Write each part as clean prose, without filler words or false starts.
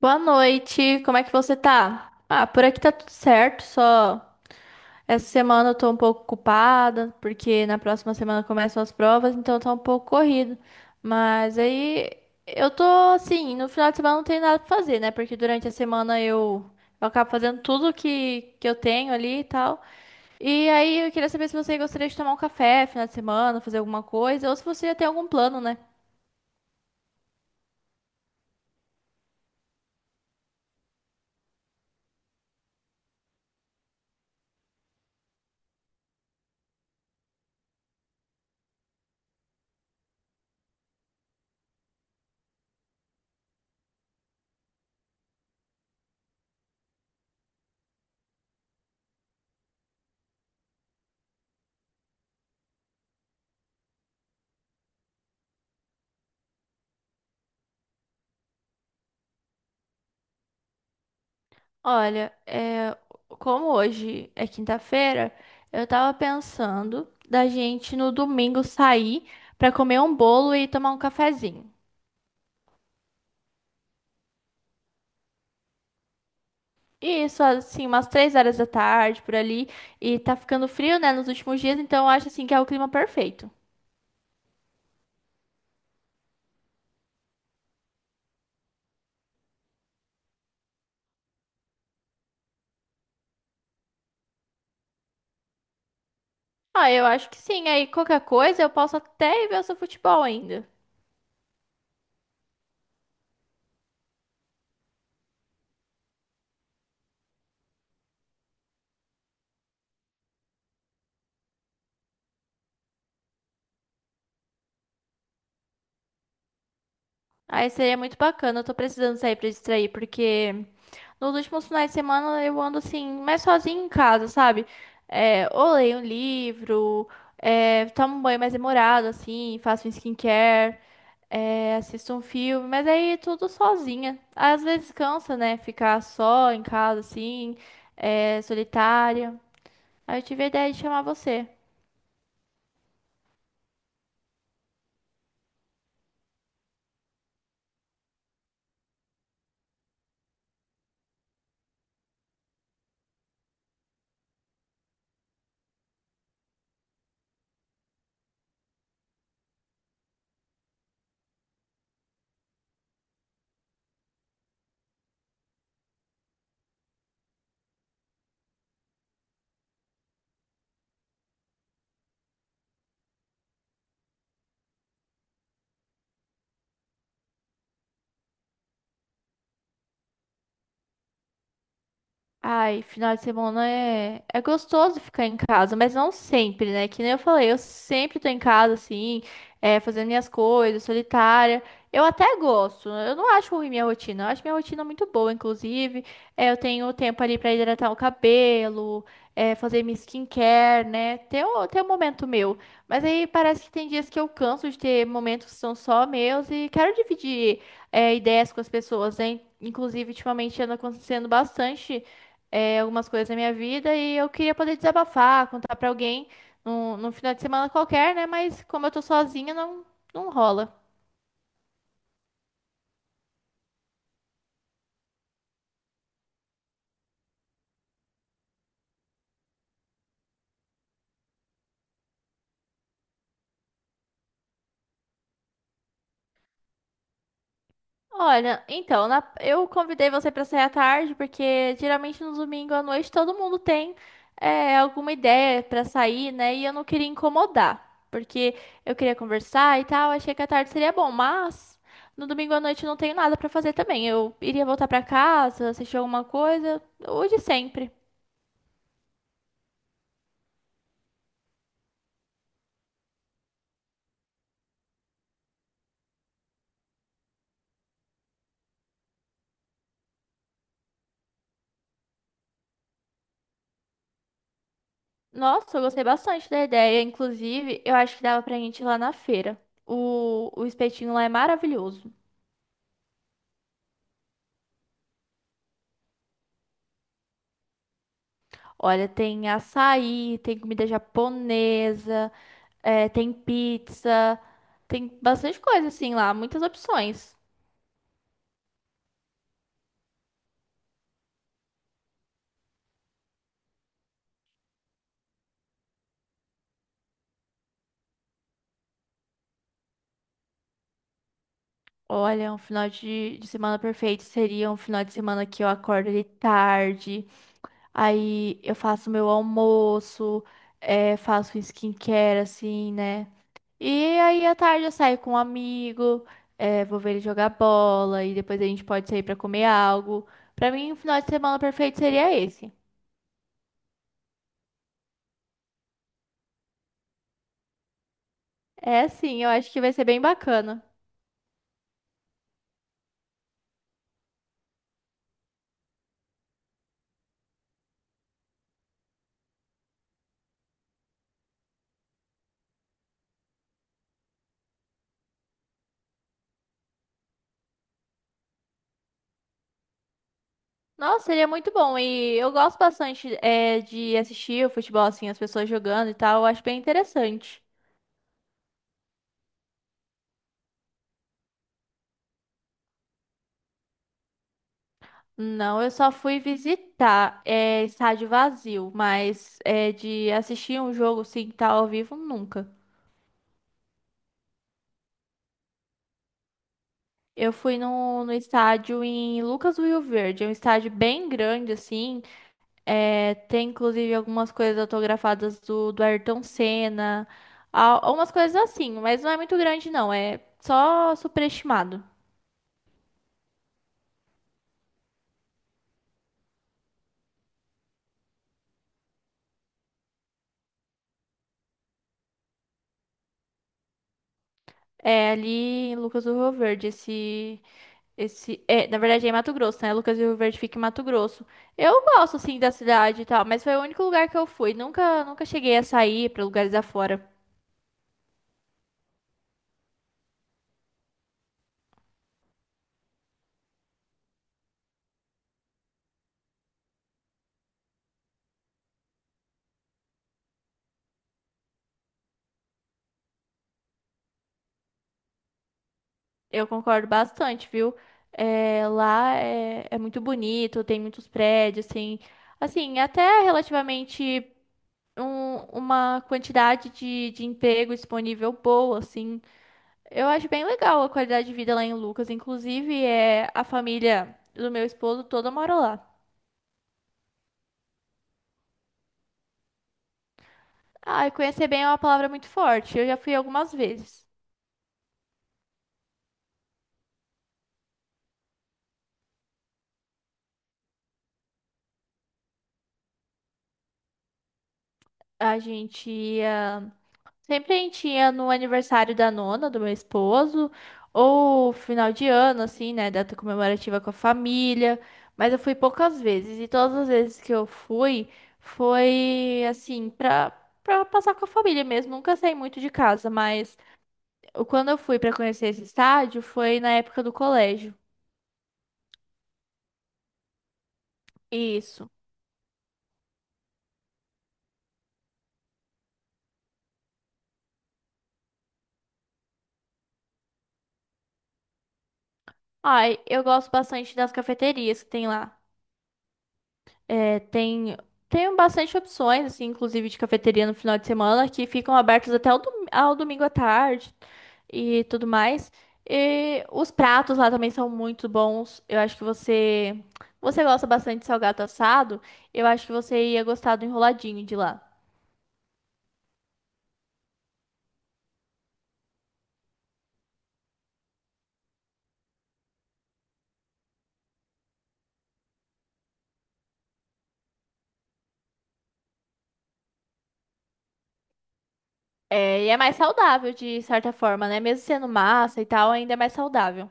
Boa noite, como é que você tá? Ah, por aqui tá tudo certo, só essa semana eu tô um pouco ocupada, porque na próxima semana começam as provas, então tá um pouco corrido. Mas aí eu tô assim, no final de semana não tem nada pra fazer, né? Porque durante a semana eu acabo fazendo tudo que eu tenho ali e tal. E aí eu queria saber se você gostaria de tomar um café final de semana, fazer alguma coisa, ou se você já tem algum plano, né? Olha, como hoje é quinta-feira, eu tava pensando da gente no domingo sair pra comer um bolo e tomar um cafezinho. E isso, assim, umas 3 horas da tarde por ali. E tá ficando frio, né, nos últimos dias, então eu acho assim que é o clima perfeito. Ah, eu acho que sim. Aí qualquer coisa eu posso até ir ver o seu futebol ainda. Aí seria muito bacana. Eu tô precisando sair pra distrair, porque nos últimos finais de semana eu ando assim, mais sozinha em casa, sabe? É, ou leio um livro, tomo um banho mais demorado, assim, faço um skincare, assisto um filme, mas aí tudo sozinha. Às vezes cansa, né? Ficar só em casa, assim, solitária. Aí eu tive a ideia de chamar você. Ai, final de semana é gostoso ficar em casa, mas não sempre, né? Que nem eu falei, eu sempre tô em casa, assim, fazendo minhas coisas, solitária. Eu até gosto, eu não acho ruim minha rotina, eu acho minha rotina muito boa, inclusive. É, eu tenho um tempo ali pra hidratar o cabelo, fazer minha skincare, né? Tem o momento meu. Mas aí parece que tem dias que eu canso de ter momentos que são só meus e quero dividir, ideias com as pessoas, né? Inclusive, ultimamente anda acontecendo bastante algumas coisas da minha vida e eu queria poder desabafar, contar pra alguém num final de semana qualquer, né? Mas como eu tô sozinha, não rola. Olha, então, eu convidei você pra sair à tarde, porque geralmente no domingo à noite todo mundo tem alguma ideia pra sair, né? E eu não queria incomodar, porque eu queria conversar e tal, achei que a tarde seria bom, mas no domingo à noite eu não tenho nada pra fazer também. Eu iria voltar pra casa, assistir alguma coisa, o de sempre. Nossa, eu gostei bastante da ideia. Inclusive, eu acho que dava pra gente ir lá na feira. O espetinho lá é maravilhoso. Olha, tem açaí, tem comida japonesa, tem pizza, tem bastante coisa assim lá, muitas opções. Olha, um final de semana perfeito seria um final de semana que eu acordo de tarde, aí eu faço meu almoço, faço um skincare assim, né? E aí à tarde eu saio com um amigo, vou ver ele jogar bola e depois a gente pode sair pra comer algo. Pra mim, um final de semana perfeito seria esse. É sim, eu acho que vai ser bem bacana. Nossa, seria muito bom. E eu gosto bastante de assistir o futebol, assim, as pessoas jogando e tal. Eu acho bem interessante. Não, eu só fui visitar estádio vazio, mas de assistir um jogo assim, que tá ao vivo, nunca. Eu fui no estádio em Lucas do Rio Verde. É um estádio bem grande, assim. É, tem, inclusive, algumas coisas autografadas do Ayrton Senna. Umas coisas assim, mas não é muito grande, não. É só superestimado. É ali em Lucas do Rio Verde. Esse, é, na verdade, é em Mato Grosso, né? Lucas do Rio Verde fica em Mato Grosso. Eu gosto, assim, da cidade e tal, mas foi o único lugar que eu fui. Nunca cheguei a sair para lugares afora. Eu concordo bastante, viu? É, lá é muito bonito, tem muitos prédios, tem, assim, até relativamente uma quantidade de emprego disponível boa, assim. Eu acho bem legal a qualidade de vida lá em Lucas. Inclusive, é, a família do meu esposo toda mora lá. Ah, e conhecer bem é uma palavra muito forte. Eu já fui algumas vezes. A gente ia. Sempre a gente ia no aniversário da nona, do meu esposo, ou final de ano, assim, né? Data comemorativa com a família. Mas eu fui poucas vezes, e todas as vezes que eu fui, foi assim, pra passar com a família mesmo. Nunca saí muito de casa, mas quando eu fui pra conhecer esse estádio, foi na época do colégio. Isso. Ai, eu gosto bastante das cafeterias que tem lá. É, tem, tem bastante opções, assim, inclusive de cafeteria no final de semana, que ficam abertas até ao, ao domingo à tarde e tudo mais. E os pratos lá também são muito bons. Eu acho que você gosta bastante de salgado assado, eu acho que você ia gostar do enroladinho de lá. É, e é mais saudável, de certa forma, né? Mesmo sendo massa e tal, ainda é mais saudável.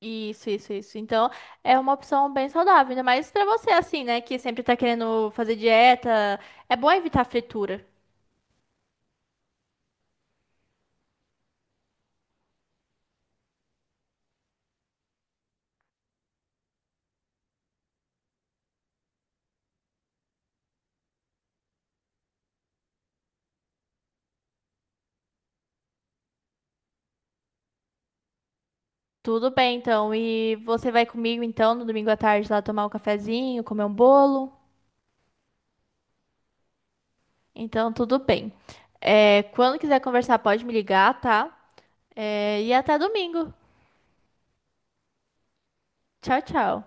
Isso, isso, isso. Então, é uma opção bem saudável, ainda mais pra você assim, né, que sempre tá querendo fazer dieta. É bom evitar fritura. Tudo bem, então. E você vai comigo então no domingo à tarde lá tomar um cafezinho, comer um bolo. Então, tudo bem. É, quando quiser conversar, pode me ligar, tá? É, e até domingo. Tchau, tchau.